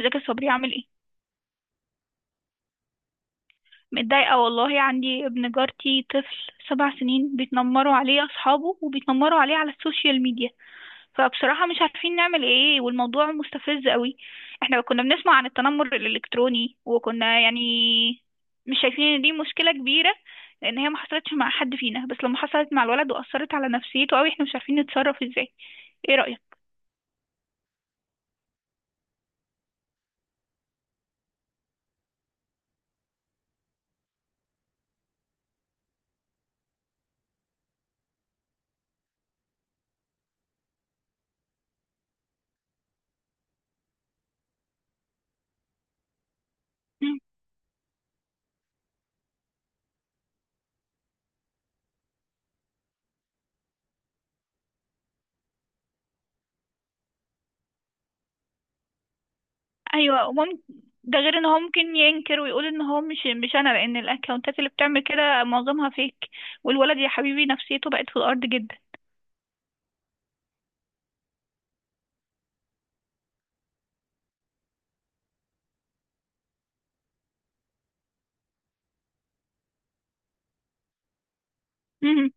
ازيك يا صبري؟ عامل ايه؟ متضايقه والله، عندي ابن جارتي طفل 7 سنين بيتنمروا عليه اصحابه وبيتنمروا عليه على السوشيال ميديا. فبصراحه مش عارفين نعمل ايه، والموضوع مستفز قوي. احنا كنا بنسمع عن التنمر الالكتروني وكنا يعني مش شايفين ان دي مشكله كبيره، لان هي ما حصلتش مع حد فينا، بس لما حصلت مع الولد واثرت على نفسيته قوي احنا مش عارفين نتصرف ازاي. ايه رايك؟ ايوه، وممكن. ده غير ان هو ممكن ينكر ويقول ان هو مش انا، لان الاكونتات اللي بتعمل كده معظمها فيك. والولد يا حبيبي نفسيته بقت في الارض جدا. مهم.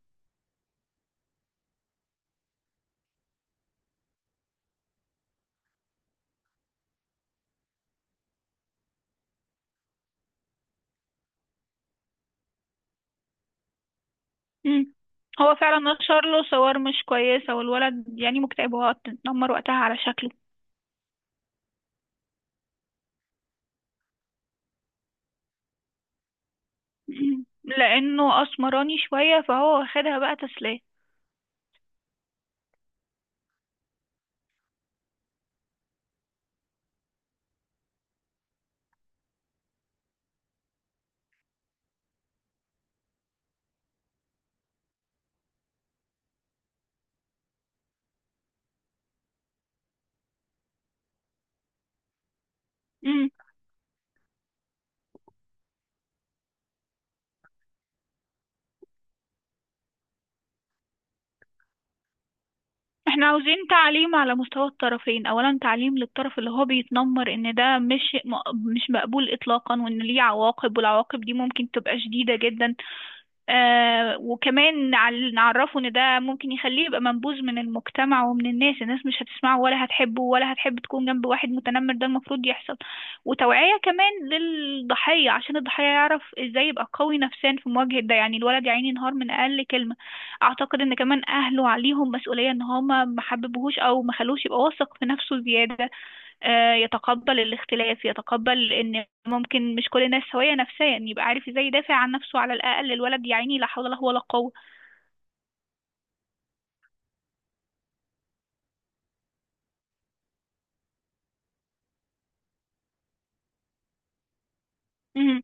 مم. هو فعلا نشر له صور مش كويسه، والولد يعني مكتئب واتنمر وقتها على شكله. مم. لانه اسمراني شويه فهو واخدها بقى تسليه. مم. احنا عاوزين تعليم على مستوى الطرفين، اولا تعليم للطرف اللي هو بيتنمر ان ده مش مقبول اطلاقا، وان ليه عواقب، والعواقب دي ممكن تبقى شديدة جدا. آه، وكمان نعرفه ان ده ممكن يخليه يبقى منبوذ من المجتمع ومن الناس. الناس مش هتسمعه ولا هتحبه ولا هتحب تكون جنب واحد متنمر. ده المفروض يحصل. وتوعية كمان للضحية عشان الضحية يعرف ازاي يبقى قوي نفسيا في مواجهة ده، يعني الولد يا عيني ينهار من اقل كلمة. اعتقد ان كمان اهله عليهم مسؤولية، ان هما ما حببوهوش او ما خلوش يبقى واثق في نفسه زيادة. يتقبل الاختلاف، يتقبل ان ممكن مش كل الناس سوية نفسيا، يبقى عارف ازاي يدافع عن نفسه. على الاقل الولد يا عيني لا حول له ولا قوة. مم.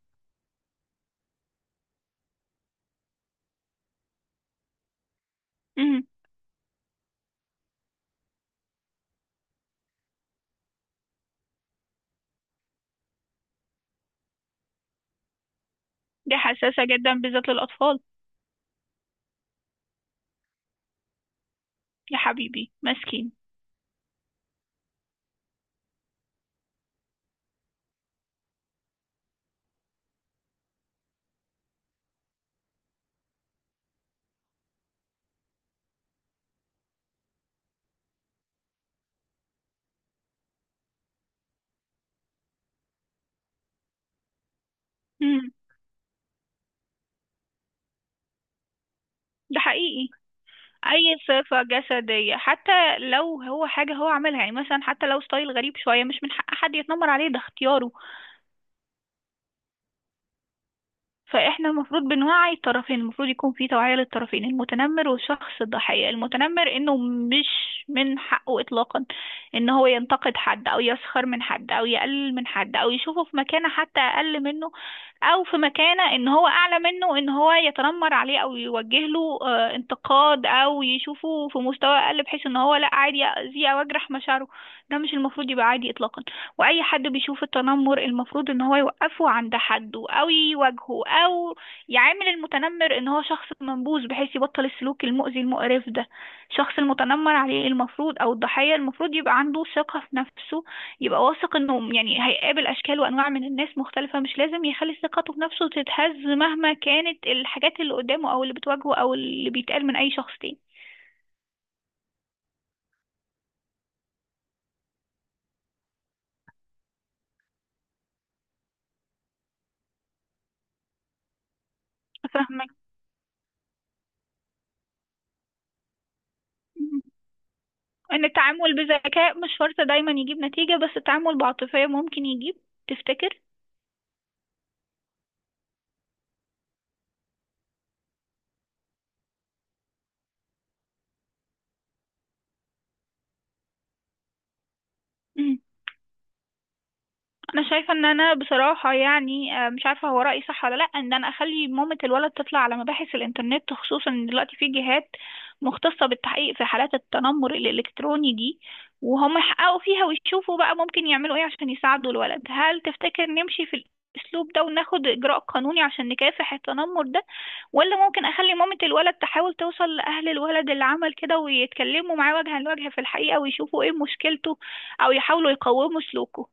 مم. دي حساسة جدا بالذات للاطفال. يا حبيبي مسكين. مم. ده حقيقي. اي صفة جسدية، حتى لو هو حاجة هو عملها، يعني مثلا حتى لو ستايل غريب شوية مش من حق حد يتنمر عليه، ده اختياره. فاحنا المفروض بنوعي الطرفين، المفروض يكون في توعية للطرفين، المتنمر والشخص الضحية. المتنمر انه مش من حقه اطلاقا ان هو ينتقد حد او يسخر من حد او يقلل من حد او يشوفه في مكانة حتى اقل منه، او في مكانة ان هو اعلى منه، ان هو يتنمر عليه او يوجه له انتقاد، او يشوفه في مستوى اقل بحيث ان هو لا عادي يأذيه او يجرح مشاعره. ده مش المفروض يبقى عادي اطلاقا. واي حد بيشوف التنمر المفروض ان هو يوقفه عند حده او يواجهه او يعامل المتنمر ان هو شخص منبوذ بحيث يبطل السلوك المؤذي المقرف ده. الشخص المتنمر عليه المفروض، او الضحية، المفروض يبقى عنده ثقة في نفسه، يبقى واثق انه يعني هيقابل اشكال وانواع من الناس مختلفة، مش لازم يخلي ثقته في نفسه تتهز مهما كانت الحاجات اللي قدامه او اللي بتواجهه او اللي بيتقال من اي شخص تاني. فاهمك. ان التعامل بذكاء مش شرط دايما يجيب نتيجة، بس التعامل بعاطفية ممكن يجيب. تفتكر؟ انا شايفه ان انا بصراحه يعني مش عارفه هو رايي صح ولا لا، ان انا اخلي مامه الولد تطلع على مباحث الانترنت، خصوصا ان دلوقتي في جهات مختصه بالتحقيق في حالات التنمر الالكتروني دي، وهم يحققوا فيها ويشوفوا بقى ممكن يعملوا ايه عشان يساعدوا الولد. هل تفتكر نمشي في الاسلوب ده وناخد اجراء قانوني عشان نكافح التنمر ده؟ ولا ممكن اخلي مامه الولد تحاول توصل لاهل الولد اللي عمل كده ويتكلموا معاه وجها لوجه في الحقيقه ويشوفوا ايه مشكلته او يحاولوا يقوموا سلوكه؟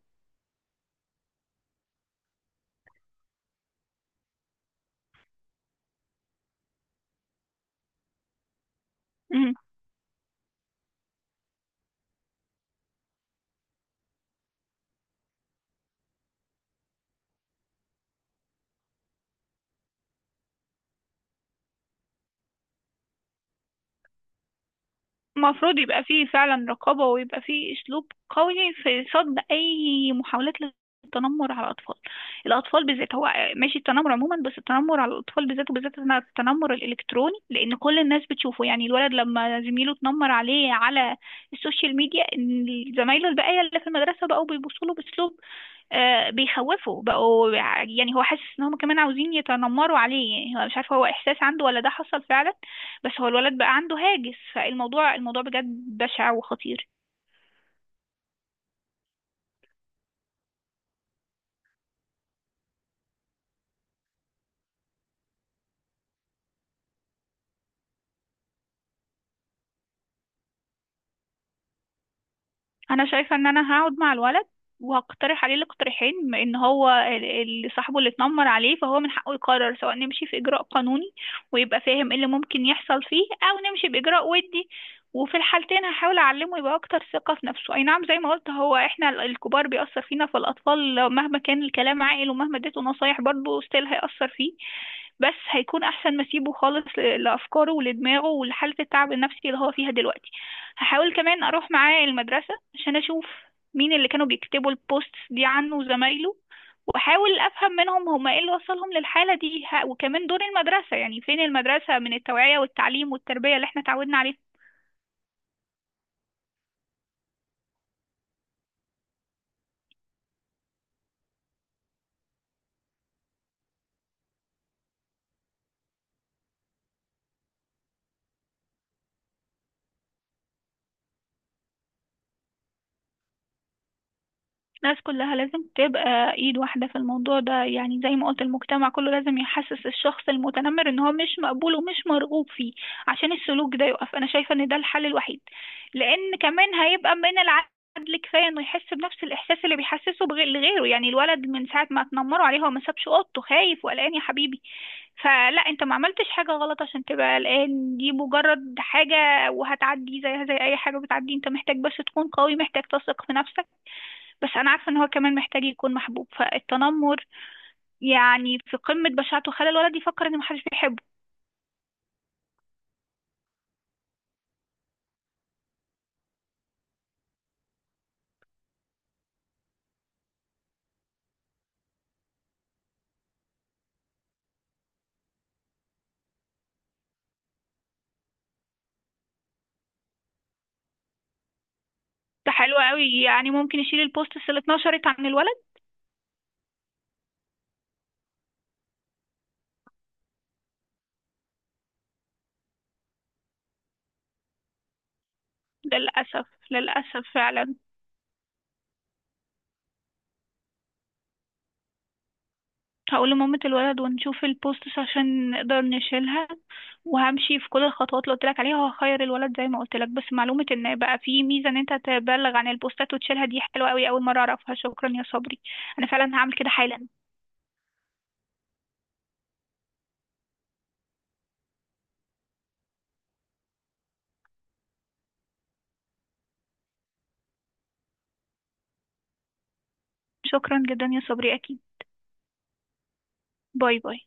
المفروض يبقى فيه فعلا رقابة، ويبقى فيه أسلوب قوي في صد أي محاولات للتنمر على الأطفال. الأطفال بالذات. هو ماشي التنمر عموما، بس التنمر على الأطفال بالذات، وبالذات إنها التنمر الإلكتروني، لأن كل الناس بتشوفه. يعني الولد لما زميله اتنمر عليه على السوشيال ميديا، إن زمايله الباقية اللي في المدرسة بقوا بيبصوا له بأسلوب بيخوفوا، بقوا يعني هو حاسس ان هم كمان عاوزين يتنمروا عليه. يعني هو مش عارف هو احساس عنده ولا ده حصل فعلا، بس هو الولد بقى عنده هاجس. فالموضوع، الموضوع بجد بشع وخطير. انا شايفه ان انا هقعد مع الولد وهقترح عليه الاقتراحين، بما ان هو اللي صاحبه اللي اتنمر عليه، فهو من حقه يقرر، سواء نمشي في اجراء قانوني ويبقى فاهم ايه اللي ممكن يحصل فيه، او نمشي باجراء ودي. وفي الحالتين هحاول اعلمه يبقى اكتر ثقه في نفسه. اي نعم زي ما قلت، هو احنا الكبار بيأثر فينا فالاطفال، مهما كان الكلام عاقل ومهما اديته نصايح برضه ستيل هيأثر فيه، بس هيكون احسن ما اسيبه خالص لافكاره ولدماغه ولحاله التعب النفسي اللي هو فيها دلوقتي. هحاول كمان اروح معاه المدرسه عشان اشوف مين اللي كانوا بيكتبوا البوستس دي عنه وزمايله، واحاول افهم منهم هما ايه اللي وصلهم للحاله دي. وكمان دور المدرسه، يعني فين المدرسه من التوعيه والتعليم والتربيه اللي احنا اتعودنا عليها؟ الناس كلها لازم تبقى ايد واحدة في الموضوع ده. يعني زي ما قلت، المجتمع كله لازم يحسس الشخص المتنمر ان هو مش مقبول ومش مرغوب فيه عشان السلوك ده يقف. انا شايفة ان ده الحل الوحيد، لان كمان هيبقى من العدل كفاية انه يحس بنفس الاحساس اللي بيحسسه لغيره. يعني الولد من ساعة ما اتنمروا عليه هو ما سابش اوضته، خايف وقلقان يا حبيبي. فلا، انت ما عملتش حاجة غلط عشان تبقى قلقان، دي مجرد حاجة وهتعدي زيها زي اي حاجة بتعدي. انت محتاج بس تكون قوي، محتاج تثق في نفسك. بس انا عارفه ان هو كمان محتاج يكون محبوب، فالتنمر يعني في قمه بشاعته خلى الولد يفكر ان محدش بيحبه. ده حلو قوي، يعني ممكن يشيل البوستس اللي اتنشرت عن الولد. للاسف، للاسف فعلا. هقول لمامة الولد ونشوف البوستس عشان نقدر نشيلها، وهمشي في كل الخطوات اللي قلت لك عليها، وهخير الولد زي ما قلت لك. بس معلومه ان بقى في ميزه ان انت تبلغ عن البوستات وتشيلها دي حلوه قوي، اول مره اعرفها. شكرا يا صبري، انا فعلا هعمل كده حالا. شكرا جدا يا صبري، اكيد. باي باي.